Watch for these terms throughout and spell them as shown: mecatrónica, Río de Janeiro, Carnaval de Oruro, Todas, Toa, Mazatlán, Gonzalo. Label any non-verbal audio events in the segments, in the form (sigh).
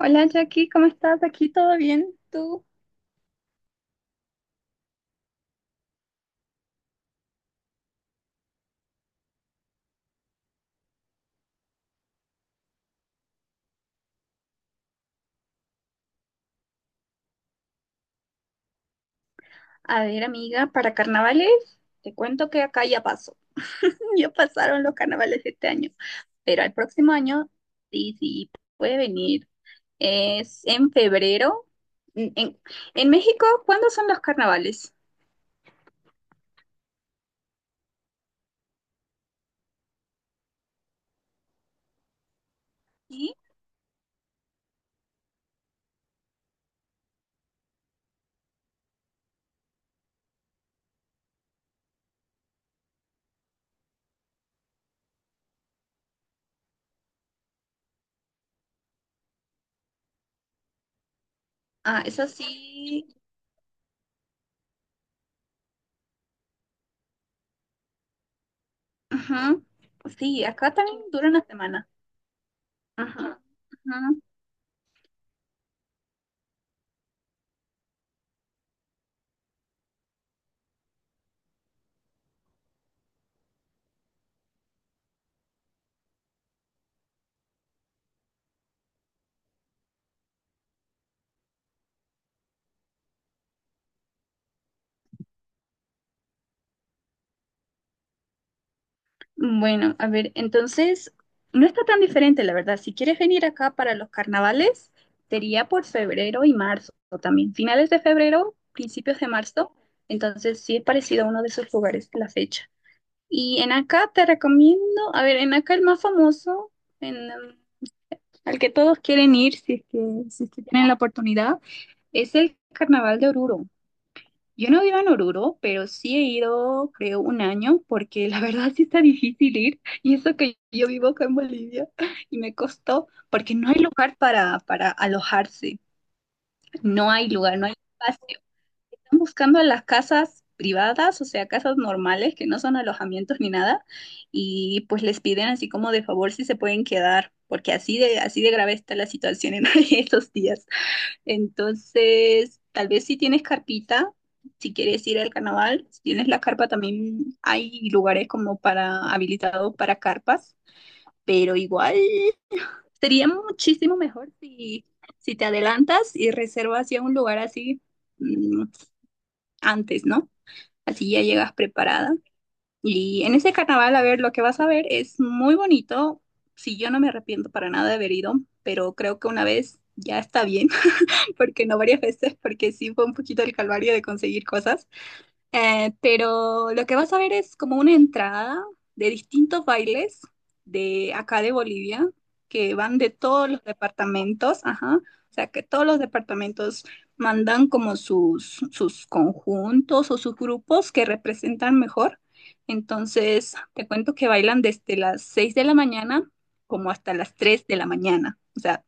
Hola Jackie, ¿cómo estás? ¿Aquí todo bien? ¿Tú? A ver, amiga, para carnavales, te cuento que acá ya pasó. (laughs) Ya pasaron los carnavales de este año, pero al próximo año sí, sí, puede venir. Es en febrero. En, en- en México, ¿cuándo son los carnavales? Sí. Ah, eso sí. Ujú. Sí, acá también dura una semana. Ajá, ajá. Bueno, a ver, entonces no está tan diferente, la verdad. Si quieres venir acá para los carnavales, sería por febrero y marzo también. Finales de febrero, principios de marzo. Entonces sí es parecido a uno de esos lugares la fecha. Y en acá te recomiendo, a ver, en acá el más famoso, en, al que todos quieren ir si es que tienen la oportunidad, es el Carnaval de Oruro. Yo no vivo en Oruro, pero sí he ido, creo, un año, porque la (laughs) verdad sí está difícil ir. Y eso que yo vivo acá en Bolivia (laughs) y me costó, porque no hay lugar para alojarse. No hay lugar, no hay espacio. Están buscando las casas privadas, o sea, casas normales que no son alojamientos ni nada. Y pues les piden así como de favor si se pueden quedar, porque así de grave está la situación en (laughs) esos días. Entonces, tal vez si tienes carpita, si quieres ir al carnaval, si tienes la carpa también hay lugares como para habilitados para carpas, pero igual sería muchísimo mejor si te adelantas y reservas ya un lugar así mm, antes, ¿no? Así ya llegas preparada. Y en ese carnaval, a ver, lo que vas a ver es muy bonito. Si yo no me arrepiento para nada de haber ido, pero creo que una vez ya está bien porque no varias veces, porque sí fue un poquito el calvario de conseguir cosas. Pero lo que vas a ver es como una entrada de distintos bailes de acá de Bolivia, que van de todos los departamentos, ajá. O sea, que todos los departamentos mandan como sus conjuntos o sus grupos que representan mejor. Entonces, te cuento que bailan desde las 6 de la mañana como hasta las 3 de la mañana. O sea,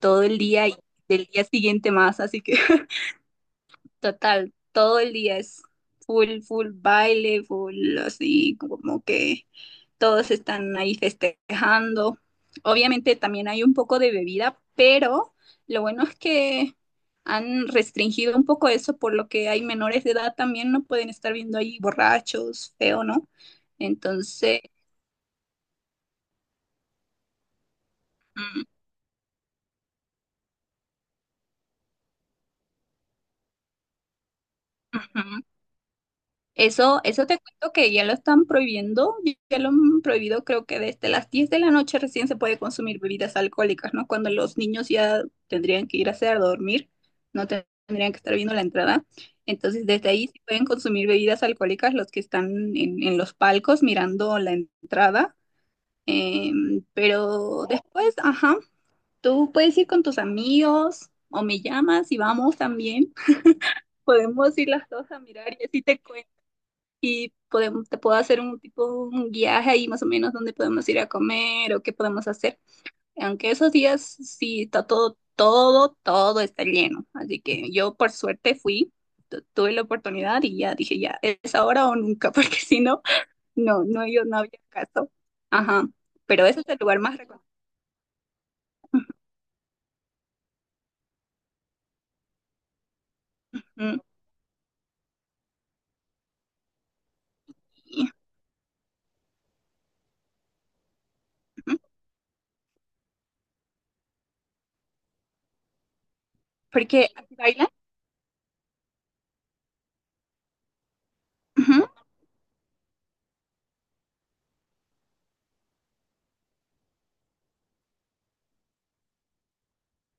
todo el día y del día siguiente más, así que (laughs) total, todo el día es full, full baile, full así, como que todos están ahí festejando. Obviamente también hay un poco de bebida, pero lo bueno es que han restringido un poco eso, por lo que hay menores de edad también no pueden estar viendo ahí borrachos, feo, ¿no? Entonces, mm, ujú. Eso te cuento que ya lo están prohibiendo, ya lo han prohibido creo que desde las 10 de la noche recién se puede consumir bebidas alcohólicas, ¿no? Cuando los niños ya tendrían que ir a hacer a dormir, no te- tendrían que estar viendo la entrada. Entonces desde ahí sí pueden consumir bebidas alcohólicas los que están en los palcos mirando la entrada, pero después, ajá, tú puedes ir con tus amigos o me llamas y vamos también. (laughs) Podemos ir las dos a mirar y así te cuento y podemos, te puedo hacer un tipo un guiaje ahí más o menos donde podemos ir a comer o qué podemos hacer. Aunque esos días sí está todo, todo, todo está lleno. Así que yo por suerte fui, tuve la oportunidad y ya dije ya, es ahora o nunca, (laughs) porque si no, no, no, yo no había caso. Ajá. Pero ese es el lugar más recomendado. Ujú. Y- Ujú. Porque aquí bailan. Ujú.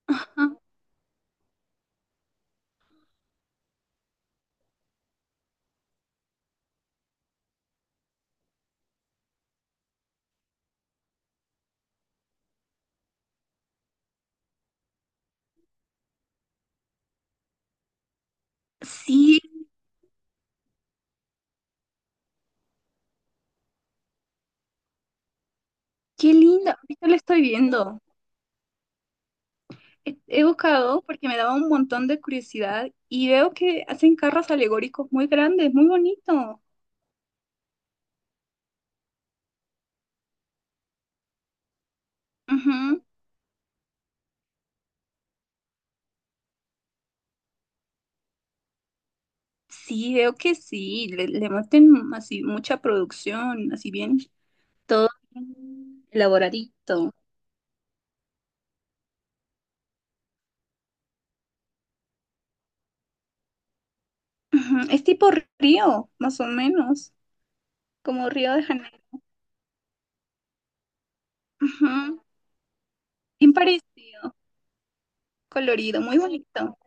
Ajá. Sí, qué lindo. Ahorita lo estoy viendo. He buscado porque me daba un montón de curiosidad y veo que hacen carros alegóricos muy grandes, muy bonitos. Ujú. Sí, veo que sí, le meten así mucha producción, así bien, todo bien elaboradito. Ujú. Es tipo río, más o menos, como Río de Janeiro. Ujú. Bien parecido, colorido, muy bonito.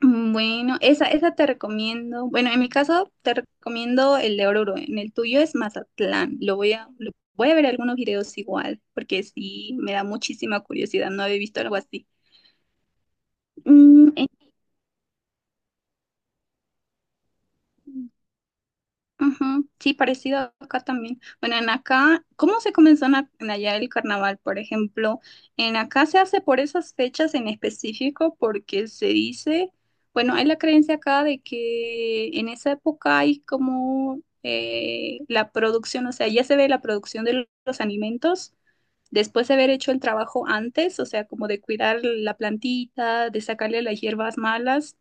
Bueno, esa te recomiendo. Bueno, en mi caso te recomiendo el de Oruro. En el tuyo es Mazatlán. Lo voy a, voy a ver algunos videos igual, porque sí me da muchísima curiosidad. No había visto algo así. Mm, en- Ujú. Sí, parecido acá también. Bueno, en acá, ¿cómo se comenzó en, en allá el carnaval, por ejemplo? En acá se hace por esas fechas en específico porque se dice, bueno, hay la creencia acá de que en esa época hay como la producción, o sea, ya se ve la producción de los alimentos después de haber hecho el trabajo antes, o sea, como de cuidar la plantita, de sacarle las hierbas malas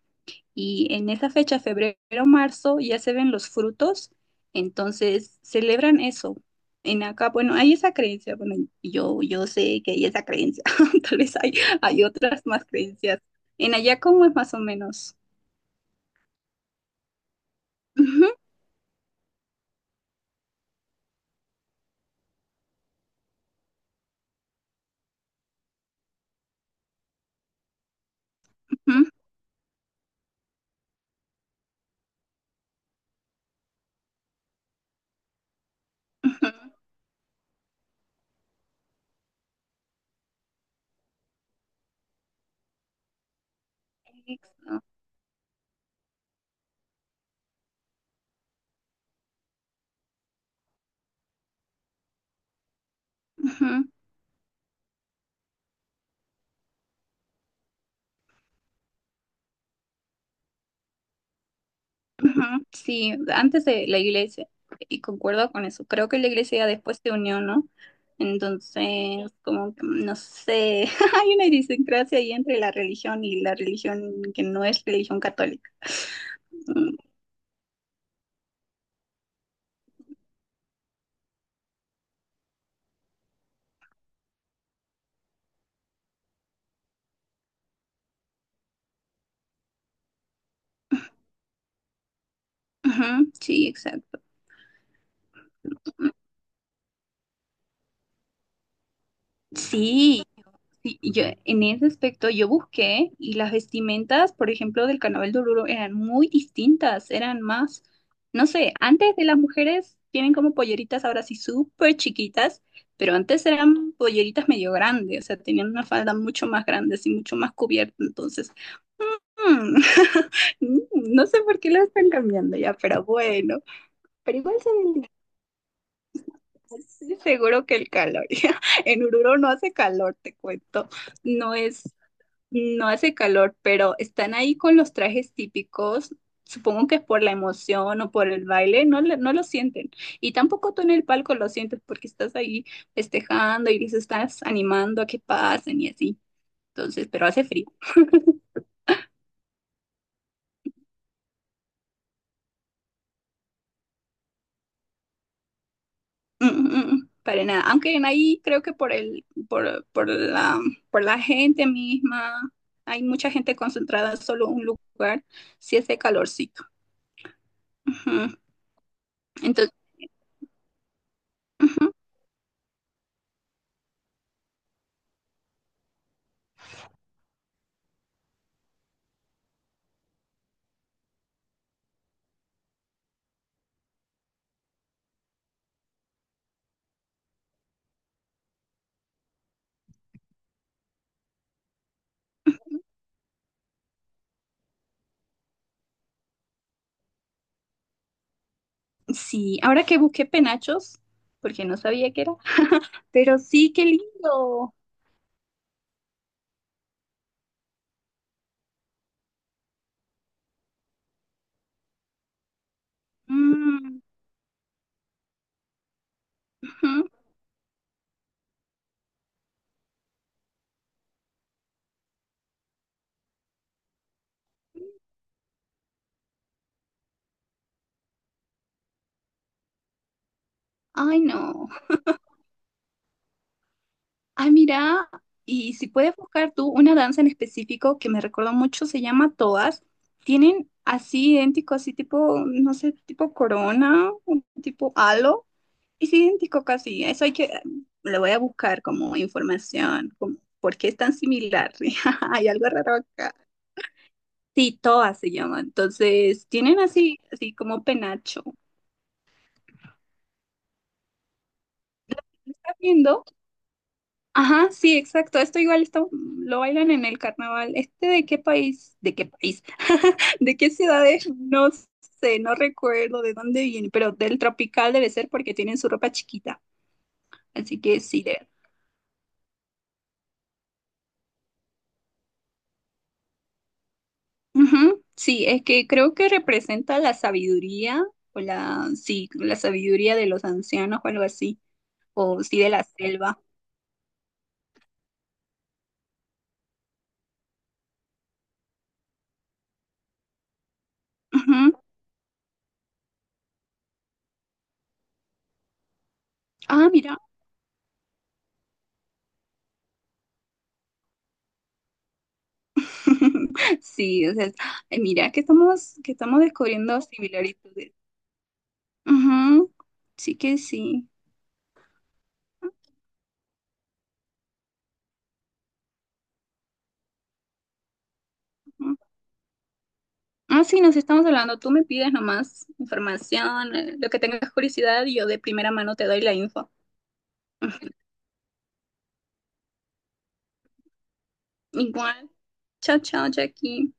y en esa fecha, febrero, marzo, ya se ven los frutos, entonces celebran eso. En acá, bueno, hay esa creencia, bueno, yo sé que hay esa creencia, (laughs) tal vez hay, hay otras más creencias. En allá, ¿cómo es más o menos? Ujú, ujú, ujú. Exacto. Ujú. Ujú. Sí, antes de la iglesia, y concuerdo con eso, creo que la iglesia después se unió, ¿no? Entonces, como que, no sé, (laughs) hay una idiosincrasia ahí entre la religión y la religión que no es religión católica. Mm, ujú, sí, exacto. Sí, sí, y yo, en ese aspecto yo busqué y las vestimentas, por ejemplo, del carnaval de Oruro eran muy distintas, eran más, no sé, antes de las mujeres tienen como polleritas ahora sí súper chiquitas, pero antes eran polleritas medio grandes, o sea, tenían una falda mucho más grande y mucho más cubierta, entonces, mm, (laughs) mm, no sé por qué lo están cambiando ya, pero bueno, pero igual se ven lindas. Sí, seguro que el calor, (laughs) en Oruro no hace calor, te cuento, no es no hace calor, pero están ahí con los trajes típicos. Supongo que es por la emoción o por el baile, no, no lo sienten. Y tampoco tú en el palco lo sientes porque estás ahí festejando y les estás animando a que pasen y así. Entonces, pero hace frío. Mm, mm, mm, para nada. Aunque en ahí creo que por el, por la gente misma, hay mucha gente concentrada en solo un lugar, sí hace calorcito. Ujú. Entonces, ujú. Sí, ahora que busqué penachos, porque no sabía qué era, pero sí, qué lindo. Mm, ujú. Ay, no. Ay, mira, y si puedes buscar tú una danza en específico que me recordó mucho, se llama Todas. Tienen así idéntico, así tipo, no sé, tipo corona, un tipo halo. Es idéntico casi. Eso hay que, le voy a buscar como información, como por qué es tan similar. (laughs) Hay algo raro acá. Sí, Toa se llama. Entonces, tienen así, así como penacho. ¿Lo ¿Estás viendo? Ajá, sí, exacto. Esto igual lo bailan en el carnaval. ¿Este de qué país? ¿De qué país? (laughs) ¿De qué ciudades? No sé, no recuerdo de dónde viene, pero del tropical debe ser porque tienen su ropa chiquita. Así que sí, de... Ujú. Sí, es que creo que representa la sabiduría o la, sí, la sabiduría de los ancianos o algo así, o sí de la selva. Ujú. Ah, mira. (laughs) Sí, o sea, ay, mira que estamos descubriendo similaritudes. Ujú. Sí que sí. Ujú. Ah, sí, nos estamos hablando. Tú me pides nomás información, lo que tengas curiosidad, y yo de primera mano te doy la info. (laughs) Igual. Chao, chao, Jackie.